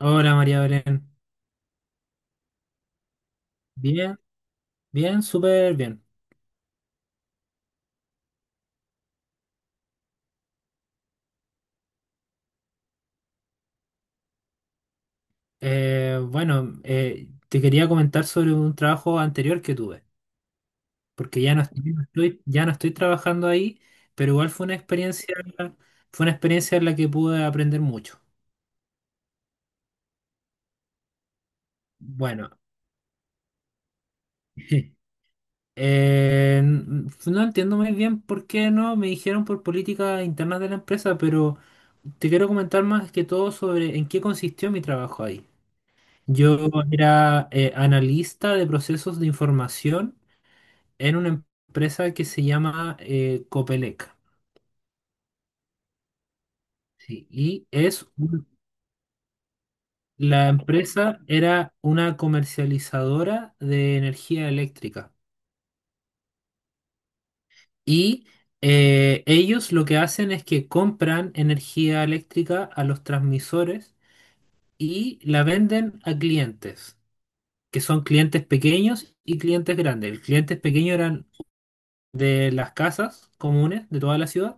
Hola María Belén. Bien, bien, súper bien. Bueno, Te quería comentar sobre un trabajo anterior que tuve, porque ya no estoy trabajando ahí, pero igual fue una experiencia en la que pude aprender mucho. Bueno, no entiendo muy bien por qué no me dijeron, por políticas internas de la empresa, pero te quiero comentar más que todo sobre en qué consistió mi trabajo ahí. Yo era analista de procesos de información en una empresa que se llama, Copelec. Sí, la empresa era una comercializadora de energía eléctrica. Y ellos lo que hacen es que compran energía eléctrica a los transmisores y la venden a clientes, que son clientes pequeños y clientes grandes. El clientes pequeño eran de las casas comunes de toda la ciudad,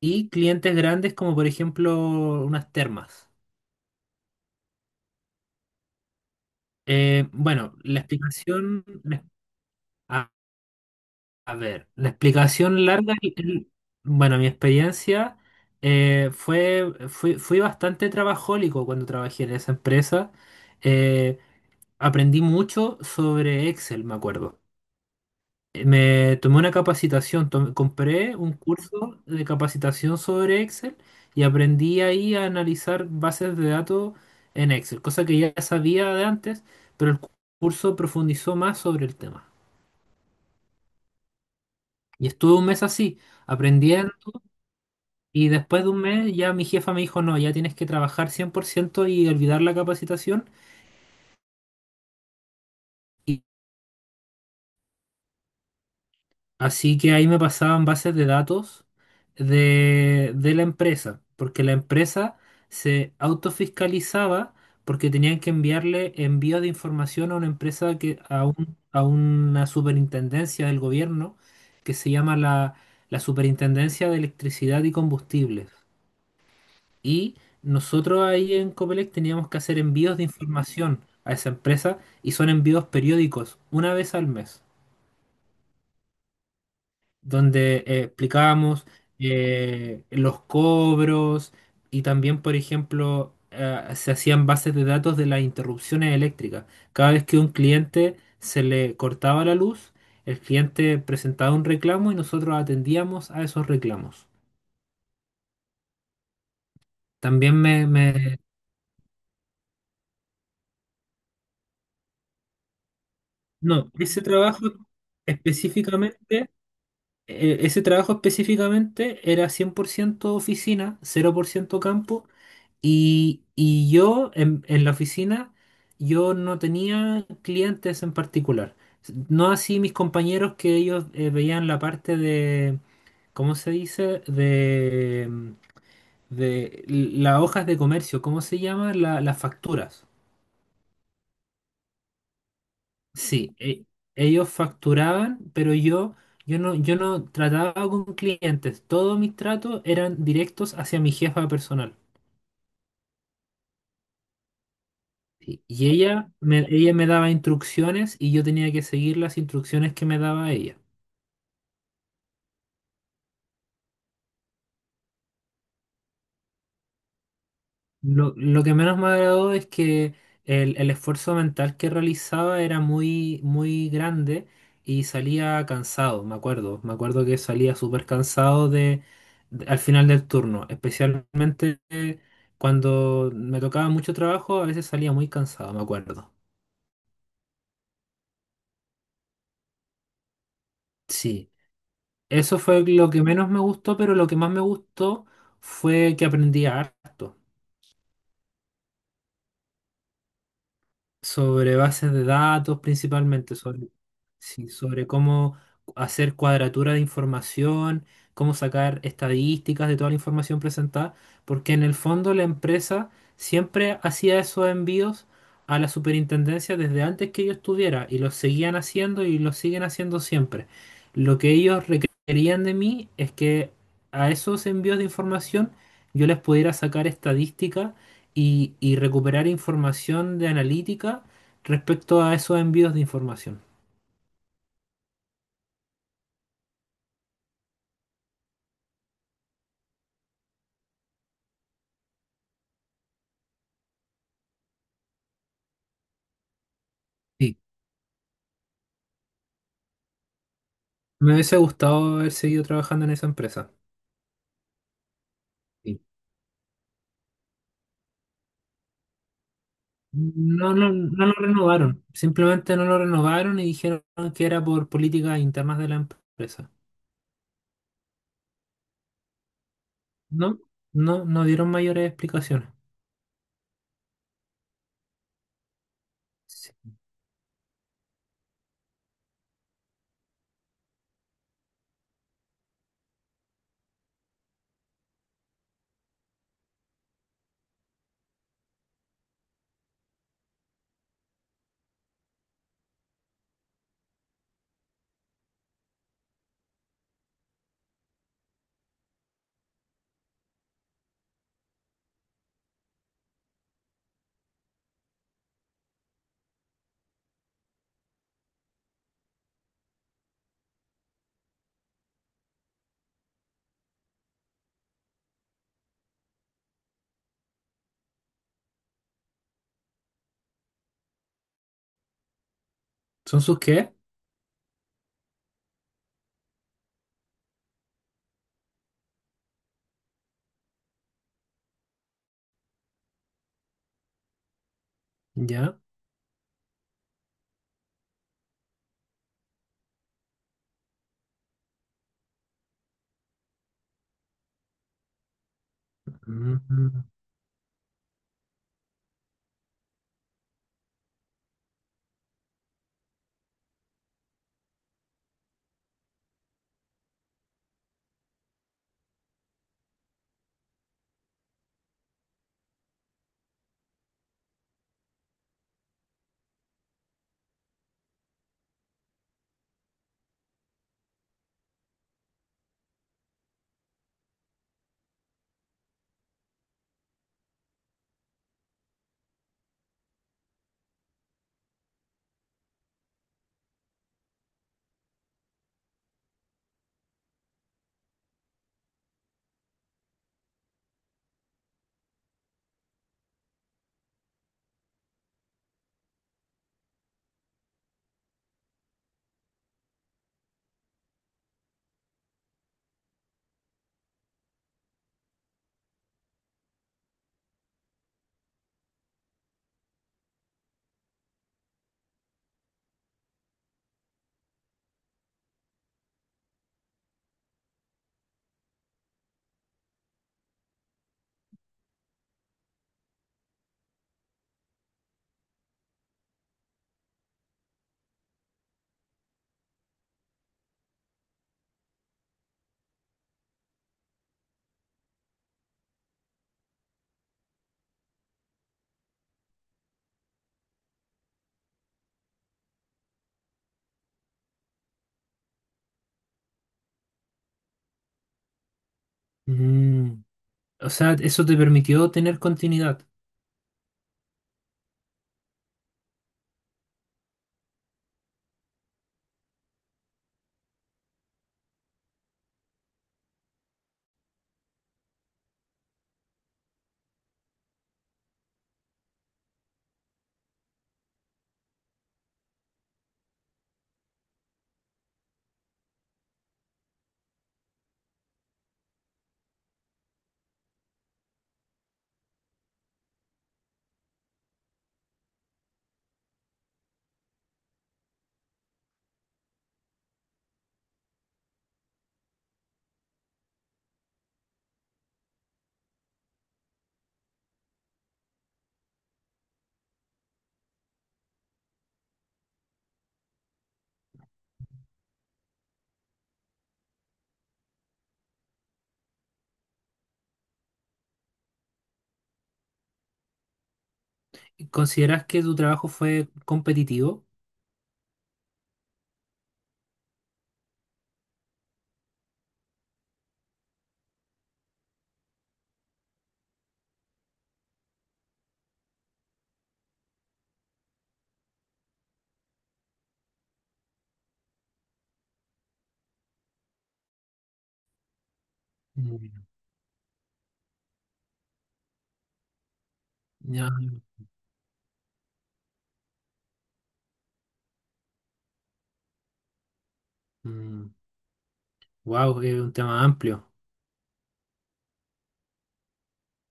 y clientes grandes como por ejemplo unas termas. Bueno, la explicación, la- a, a ver, la explicación larga, y- bueno, mi experiencia fui bastante trabajólico cuando trabajé en esa empresa. Eh, Aprendí mucho sobre Excel, me acuerdo. Me tomé una capacitación, compré un curso de capacitación sobre Excel y aprendí ahí a analizar bases de datos en Excel, cosa que ya sabía de antes, pero curso profundizó más sobre el tema. Y estuve un mes así, aprendiendo, y después de un mes ya mi jefa me dijo, no, ya tienes que trabajar 100% y olvidar la capacitación. Así que ahí me pasaban bases de datos de la empresa, porque la empresa se autofiscalizaba, porque tenían que enviarle envíos de información a una empresa que, a una superintendencia del gobierno que se llama la, la Superintendencia de Electricidad y Combustibles. Y nosotros ahí en Copelec teníamos que hacer envíos de información a esa empresa, y son envíos periódicos, una vez al mes. Donde explicábamos los cobros, y también, por ejemplo, se hacían bases de datos de las interrupciones eléctricas. Cada vez que un cliente se le cortaba la luz, el cliente presentaba un reclamo y nosotros atendíamos a esos reclamos. También me... me- No, específicamente ese trabajo específicamente era 100% oficina, cero por ciento campo. Y yo en la oficina, yo no tenía clientes en particular. No así mis compañeros, que ellos veían la parte de, ¿cómo se dice? De, las hojas de comercio, ¿cómo se llama? Las facturas. Sí, ellos facturaban, pero yo no trataba con clientes. Todos mis tratos eran directos hacia mi jefa personal. Ella me daba instrucciones y yo tenía que seguir las instrucciones que me daba ella. Lo que menos me agradó es que el esfuerzo mental que realizaba era muy, muy grande, y salía cansado, me acuerdo. Me acuerdo que salía súper cansado al final del turno, especialmente cuando me tocaba mucho trabajo, a veces salía muy cansado, me acuerdo. Sí, eso fue lo que menos me gustó, pero lo que más me gustó fue que aprendía harto. Sobre bases de datos principalmente, sobre, sí, sobre cómo hacer cuadratura de información, cómo sacar estadísticas de toda la información presentada, porque en el fondo la empresa siempre hacía esos envíos a la superintendencia desde antes que yo estuviera, y los seguían haciendo y los siguen haciendo siempre. Lo que ellos requerían de mí es que a esos envíos de información yo les pudiera sacar estadísticas y recuperar información de analítica respecto a esos envíos de información. Sí, me hubiese gustado haber seguido trabajando en esa empresa. Sí. No, no lo renovaron, simplemente no lo renovaron y dijeron que era por políticas internas de la empresa. No, no, no dieron mayores explicaciones. Sí. ¿Son sus qué? Ya. Mm, mm. O sea, eso te permitió tener continuidad. ¿Consideras que tu trabajo fue competitivo? Mm. Ya. Wow, es un tema amplio.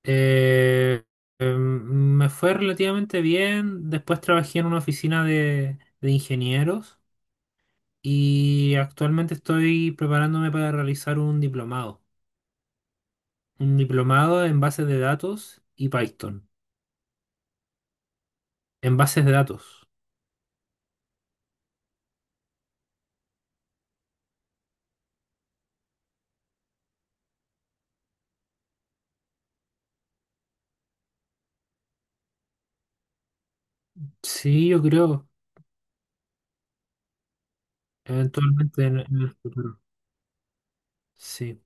Eh, em, Me fue relativamente bien. Después trabajé en una oficina de ingenieros, y actualmente estoy preparándome para realizar un diplomado. Un diplomado en bases de datos y Python. En bases de datos. Sí, yo creo. Eventualmente en el futuro. Sí,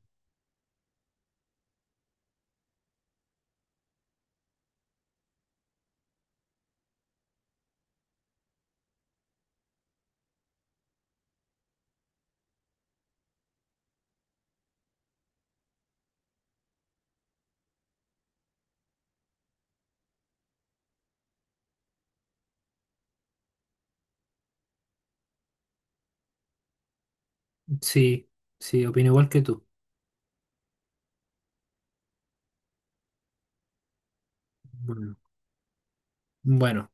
sí, sí, opino igual que tú. Bueno, bueno.